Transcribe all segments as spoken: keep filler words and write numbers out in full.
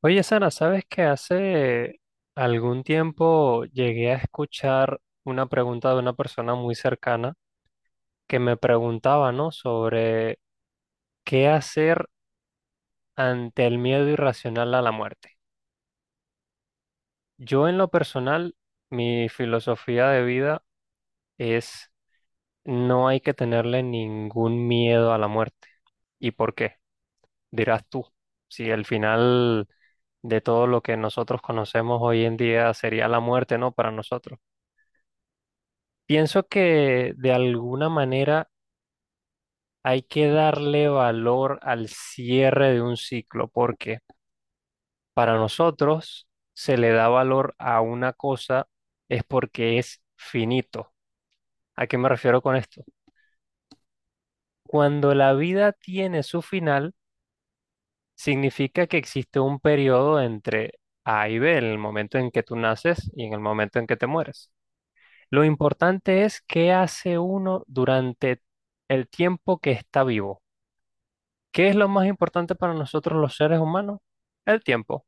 Oye, Sara, ¿sabes que hace algún tiempo llegué a escuchar una pregunta de una persona muy cercana que me preguntaba, ¿no?, sobre qué hacer ante el miedo irracional a la muerte? Yo, en lo personal, mi filosofía de vida es: no hay que tenerle ningún miedo a la muerte. ¿Y por qué, dirás tú? Si el final de todo lo que nosotros conocemos hoy en día sería la muerte, ¿no? Para nosotros. Pienso que de alguna manera hay que darle valor al cierre de un ciclo, porque para nosotros se le da valor a una cosa es porque es finito. ¿A qué me refiero con esto? Cuando la vida tiene su final, significa que existe un periodo entre A y B, en el momento en que tú naces y en el momento en que te mueres. Lo importante es qué hace uno durante el tiempo que está vivo. ¿Qué es lo más importante para nosotros los seres humanos? El tiempo.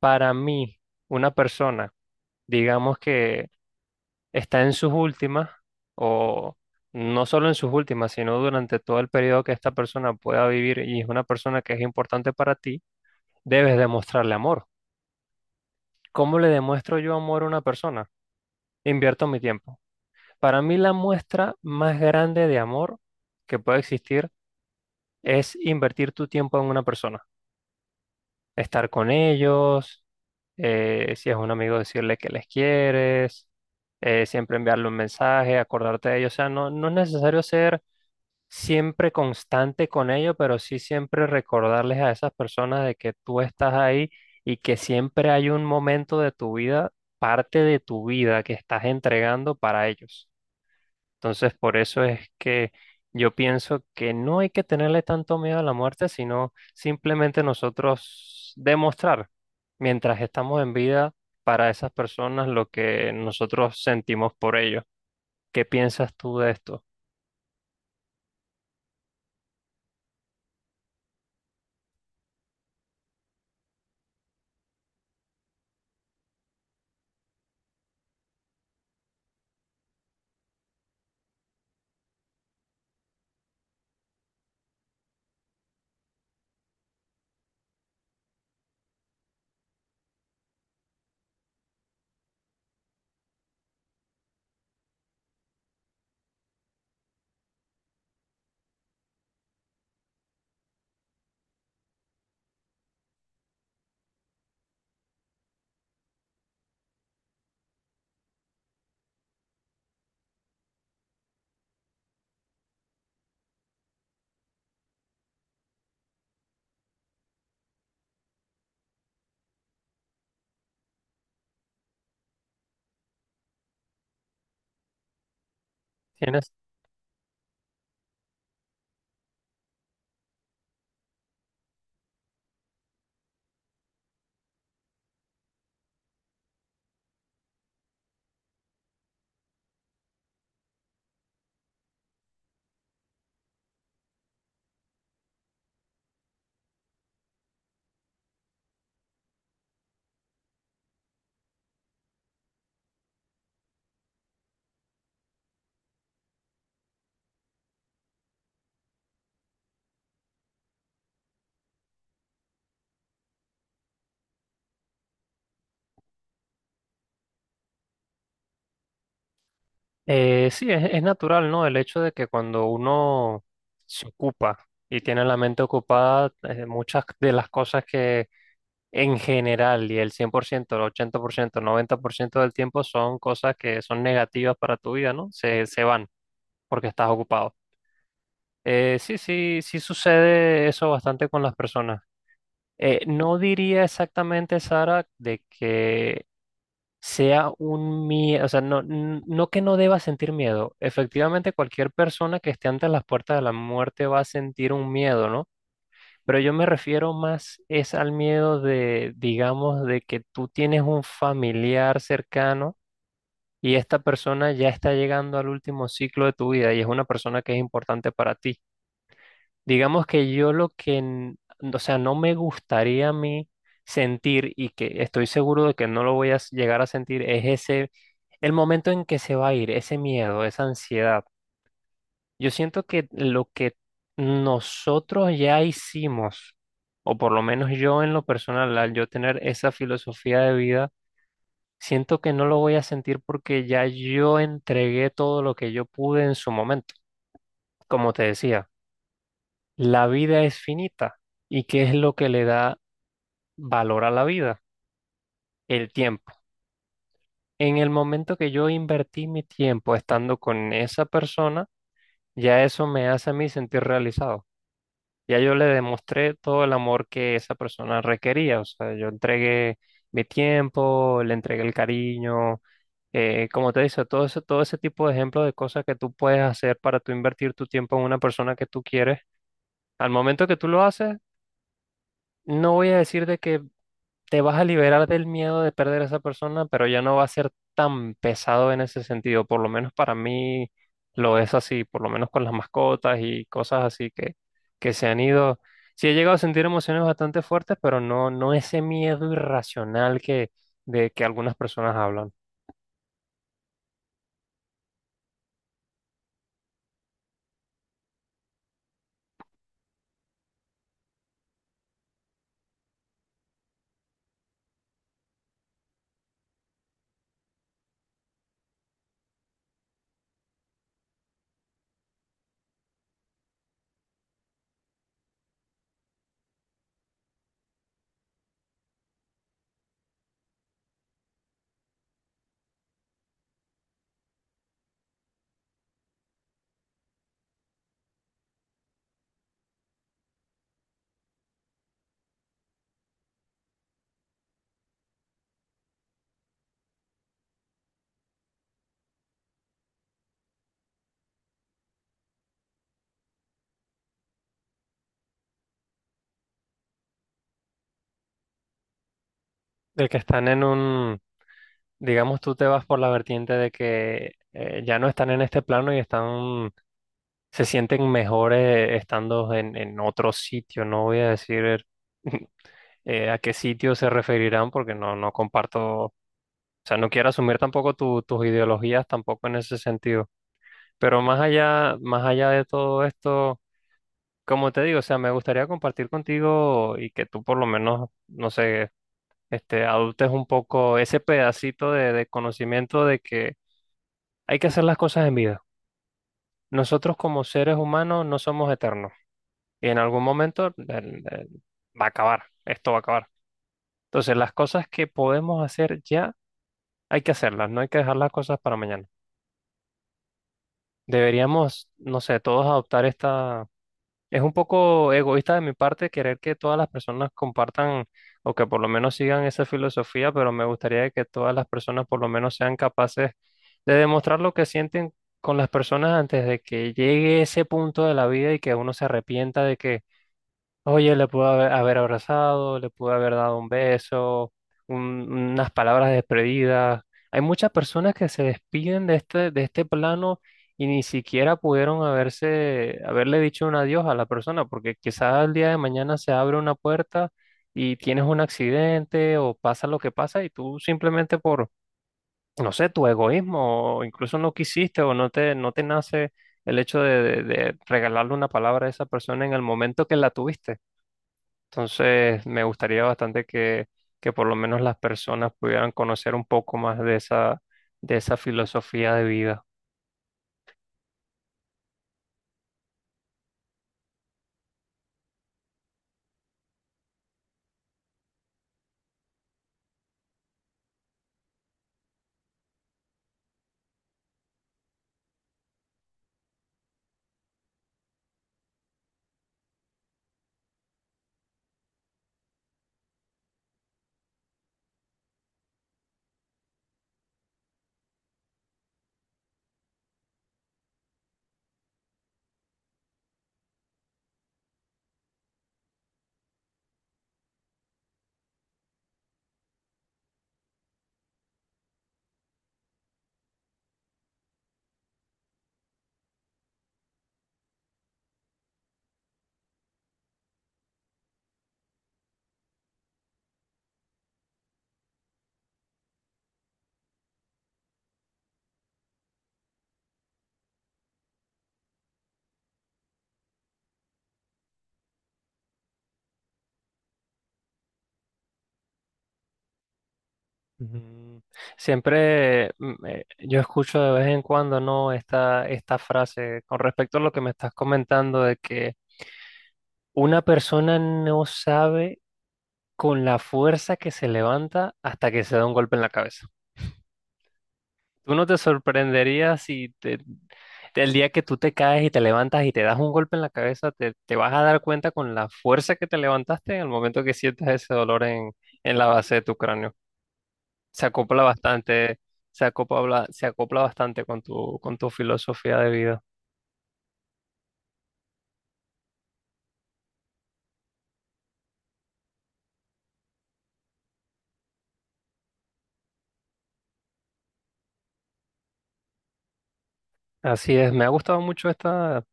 Para mí, una persona, digamos que está en sus últimas, o no solo en sus últimas, sino durante todo el periodo que esta persona pueda vivir y es una persona que es importante para ti, debes demostrarle amor. ¿Cómo le demuestro yo amor a una persona? Invierto mi tiempo. Para mí, la muestra más grande de amor que puede existir es invertir tu tiempo en una persona. Estar con ellos, eh, si es un amigo decirle que les quieres, eh, siempre enviarle un mensaje, acordarte de ellos. O sea, no, no es necesario ser siempre constante con ellos, pero sí siempre recordarles a esas personas de que tú estás ahí y que siempre hay un momento de tu vida, parte de tu vida, que estás entregando para ellos. Entonces, por eso es que yo pienso que no hay que tenerle tanto miedo a la muerte, sino simplemente nosotros demostrar, mientras estamos en vida, para esas personas lo que nosotros sentimos por ellos. ¿Qué piensas tú de esto? ¿Tienes? Eh, sí, es, es natural, ¿no?, el hecho de que cuando uno se ocupa y tiene la mente ocupada, eh, muchas de las cosas que en general —y el cien por ciento, el ochenta por ciento, el noventa por ciento del tiempo son cosas que son negativas para tu vida, ¿no?— Se, se van porque estás ocupado. Eh, sí, sí, sí sucede eso bastante con las personas. Eh, no diría exactamente, Sara, de que sea un miedo. O sea, no, n- no que no deba sentir miedo. Efectivamente, cualquier persona que esté ante las puertas de la muerte va a sentir un miedo, ¿no? Pero yo me refiero más es al miedo de, digamos, de que tú tienes un familiar cercano y esta persona ya está llegando al último ciclo de tu vida y es una persona que es importante para ti. Digamos que yo lo que, n- o sea, no me gustaría a mí sentir, y que estoy seguro de que no lo voy a s- llegar a sentir, es ese, el momento en que se va a ir, ese miedo, esa ansiedad. Yo siento que lo que nosotros ya hicimos, o por lo menos yo en lo personal, al yo tener esa filosofía de vida, siento que no lo voy a sentir porque ya yo entregué todo lo que yo pude en su momento. Como te decía, la vida es finita. ¿Y qué es lo que le da valor a la vida? El tiempo. En el momento que yo invertí mi tiempo estando con esa persona, ya eso me hace a mí sentir realizado. Ya yo le demostré todo el amor que esa persona requería. O sea, yo entregué mi tiempo, le entregué el cariño. Eh, como te dice, todo ese, todo ese tipo de ejemplos de cosas que tú puedes hacer para tú invertir tu tiempo en una persona que tú quieres. Al momento que tú lo haces, no voy a decir de que te vas a liberar del miedo de perder a esa persona, pero ya no va a ser tan pesado en ese sentido. Por lo menos para mí lo es así, por lo menos con las mascotas y cosas así que, que se han ido. Sí he llegado a sentir emociones bastante fuertes, pero no, no ese miedo irracional que, de que algunas personas hablan. De que están en un, digamos, tú te vas por la vertiente de que eh, ya no están en este plano y están, se sienten mejores estando en, en otro sitio. No voy a decir eh, a qué sitio se referirán, porque no, no comparto. O sea, no quiero asumir tampoco tu- tus ideologías tampoco en ese sentido. Pero más allá, más allá de todo esto, como te digo, o sea, me gustaría compartir contigo y que tú, por lo menos, no sé, este, adoptes un poco ese pedacito de, de conocimiento de que hay que hacer las cosas en vida. Nosotros, como seres humanos, no somos eternos, y en algún momento eh, eh, va a acabar, esto va a acabar. Entonces, las cosas que podemos hacer ya, hay que hacerlas, no hay que dejar las cosas para mañana. Deberíamos, no sé, todos adoptar esta... Es un poco egoísta de mi parte querer que todas las personas compartan o que por lo menos sigan esa filosofía, pero me gustaría que todas las personas por lo menos sean capaces de demostrar lo que sienten con las personas antes de que llegue ese punto de la vida y que uno se arrepienta de que: oye, le pudo haber, haber abrazado, le pudo haber dado un beso, un- unas palabras despedidas. Hay muchas personas que se despiden de este, de este plano y ni siquiera pudieron haberse, haberle dicho un adiós a la persona, porque quizás el día de mañana se abre una puerta y tienes un accidente o pasa lo que pasa, y tú, simplemente por, no sé, tu egoísmo, o incluso no quisiste o no te, no te nace el hecho de de- de regalarle una palabra a esa persona en el momento que la tuviste. Entonces, me gustaría bastante que, que por lo menos las personas pudieran conocer un poco más de esa, de esa filosofía de vida. Ujú. Siempre mm, eh, yo escucho de vez en cuando, ¿no?, Esta, esta frase, con respecto a lo que me estás comentando, de que una persona no sabe con la fuerza que se levanta hasta que se da un golpe en la cabeza. Tú no te sorprenderías si te- el día que tú te caes y te levantas y te das un golpe en la cabeza, te, te vas a dar cuenta con la fuerza que te levantaste en el momento que sientas ese dolor en, en la base de tu cráneo. Se acopla bastante, se acopla, se acopla bastante con tu, con tu filosofía de vida. Así es, me ha gustado mucho esta,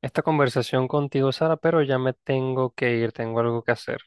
esta conversación contigo, Sara, pero ya me tengo que ir, tengo algo que hacer.